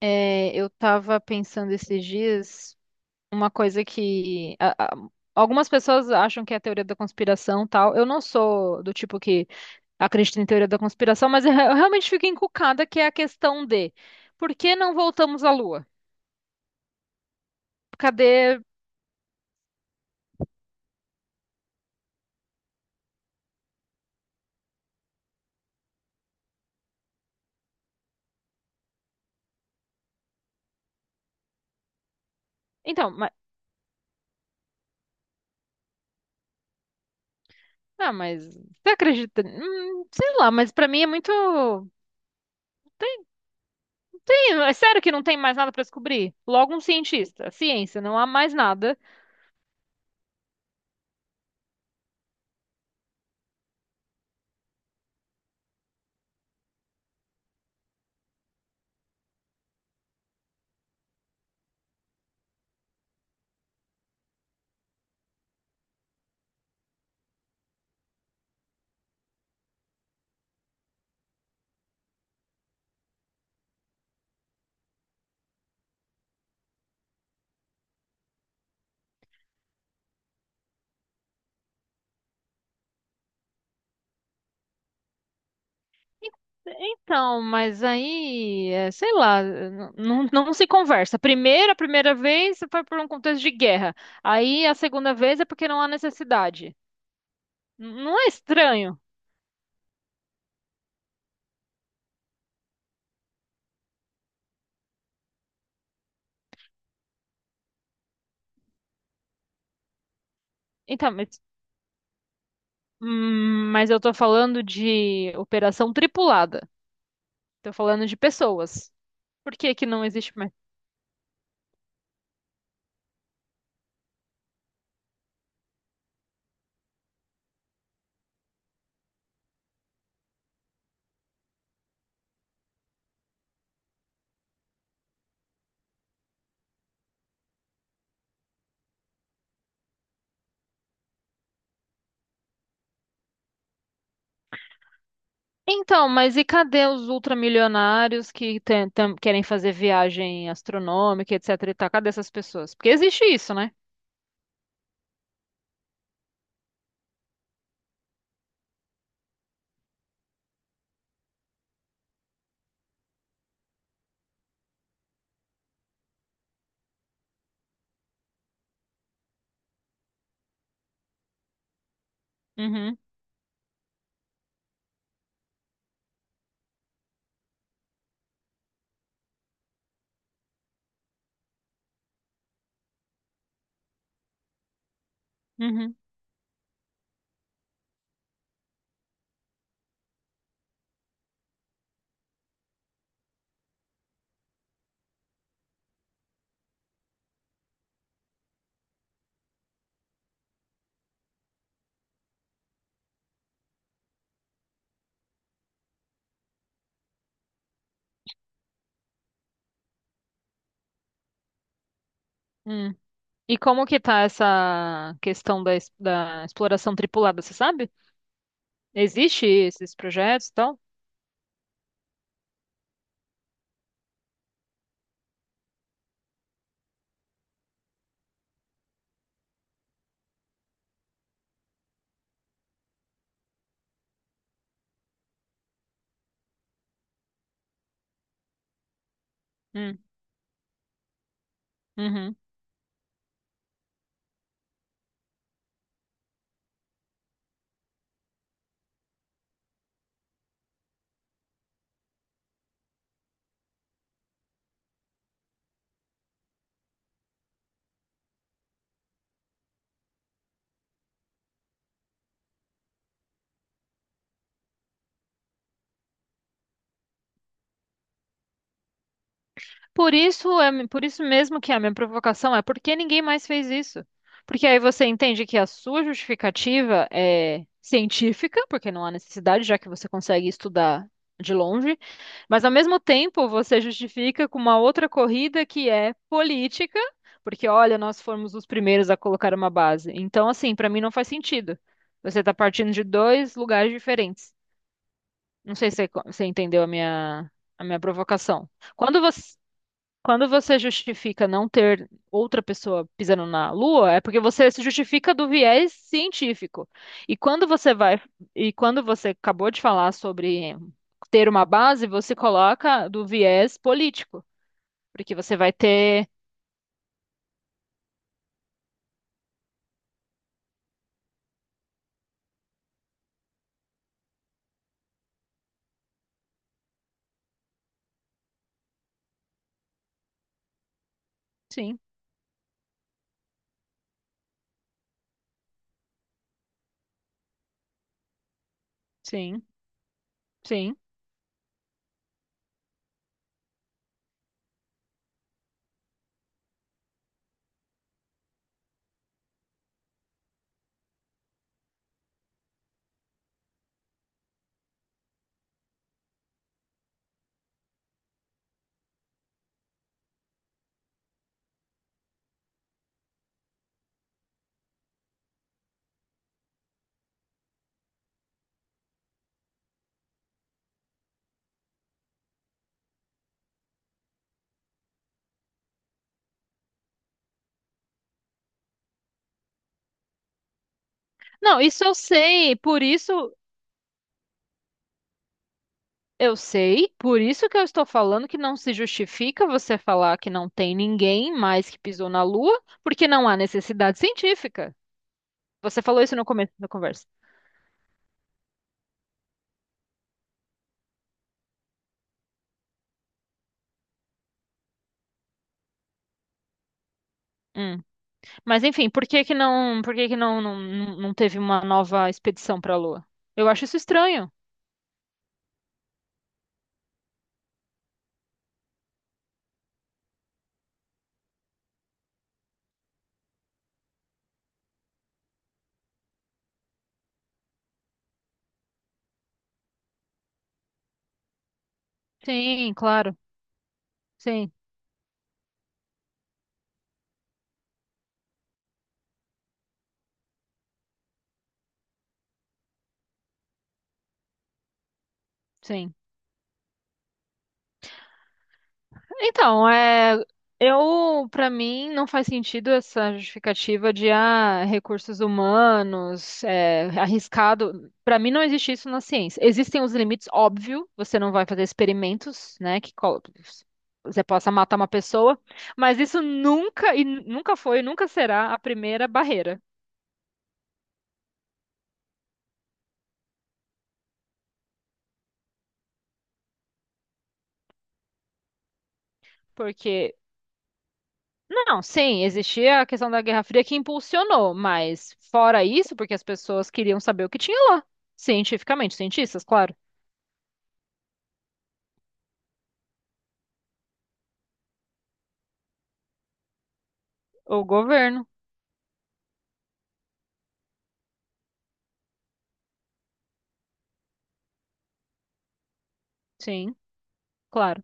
É, eu tava pensando esses dias uma coisa que algumas pessoas acham que é a teoria da conspiração, tal. Eu não sou do tipo que acredita em teoria da conspiração, mas eu realmente fico encucada que é a questão de por que não voltamos à Lua? Cadê? Então, mas, ah, mas você acredita? Sei lá, mas pra mim é tem, é sério que não tem mais nada pra descobrir? Logo um cientista, ciência, não há mais nada. Então, mas aí, é, sei lá, não, não se conversa. Primeiro, a primeira vez foi por um contexto de guerra. Aí a segunda vez é porque não há necessidade. Não é estranho? Então, mas eu tô falando de operação tripulada. Tô falando de pessoas. Por que que não existe mais? Então, mas e cadê os ultramilionários que querem fazer viagem astronômica, etc e tal? Cadê essas pessoas? Porque existe isso, né? Uhum, uhum, uhum. E como que tá essa questão da, da exploração tripulada, você sabe? Existe esses projetos e tal? Hum, uhum. Por isso é, por isso mesmo que é a minha provocação é por que ninguém mais fez isso? Porque aí você entende que a sua justificativa é científica, porque não há necessidade, já que você consegue estudar de longe, mas ao mesmo tempo você justifica com uma outra corrida que é política, porque olha, nós fomos os primeiros a colocar uma base. Então, assim, para mim não faz sentido. Você está partindo de dois lugares diferentes. Não sei se você você entendeu a minha provocação. Quando você quando você justifica não ter outra pessoa pisando na Lua, é porque você se justifica do viés científico. E quando você vai, e quando você acabou de falar sobre ter uma base, você coloca do viés político, porque você vai ter, sim, sim, sim. Não, isso eu sei, por isso eu sei, por isso que eu estou falando que não se justifica você falar que não tem ninguém mais que pisou na Lua, porque não há necessidade científica. Você falou isso no começo da conversa. Hum. Mas enfim, por que que não, por que que não, não, não não teve uma nova expedição para a Lua? Eu acho isso estranho. Sim, claro. Sim, sim. Então, é, eu, para mim, não faz sentido essa justificativa de ah, recursos humanos, é, arriscado. Para mim, não existe isso na ciência. Existem os limites, óbvio, você não vai fazer experimentos, né, que você possa matar uma pessoa, mas isso nunca e nunca foi, e nunca será a primeira barreira, porque não, sim, existia a questão da Guerra Fria que impulsionou, mas fora isso, porque as pessoas queriam saber o que tinha lá, cientificamente, cientistas, claro. O governo, sim, claro.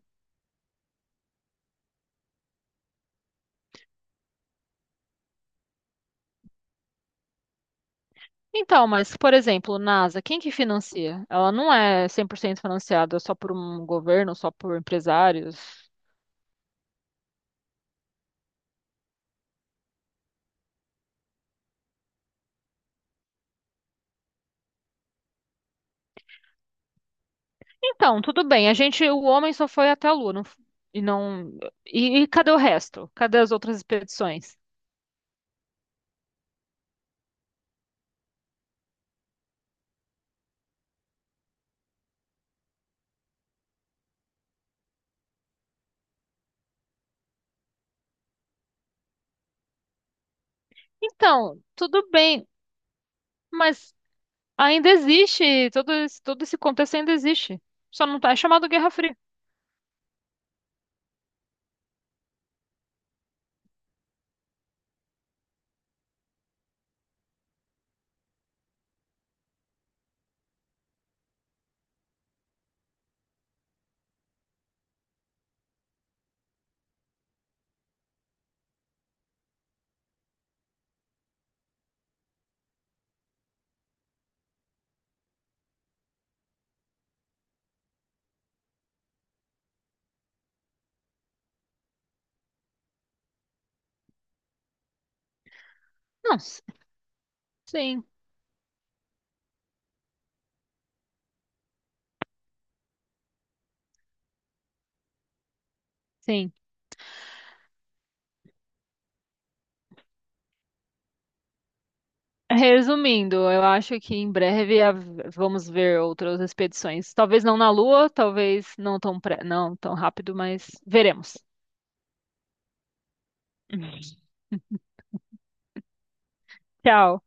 Então, mas, por exemplo, NASA, quem que financia? Ela não é 100% financiada só por um governo, só por empresários. Então, tudo bem, a gente, o homem só foi até a Lua, e não, e cadê o resto? Cadê as outras expedições? Então, tudo bem, mas ainda existe, todo esse contexto ainda existe. Só não tá, é chamado Guerra Fria. Não, s- sim, sim. Resumindo, eu acho que em breve vamos ver outras expedições. Talvez não na Lua, talvez não tão, pre- não tão rápido, mas veremos. Tchau.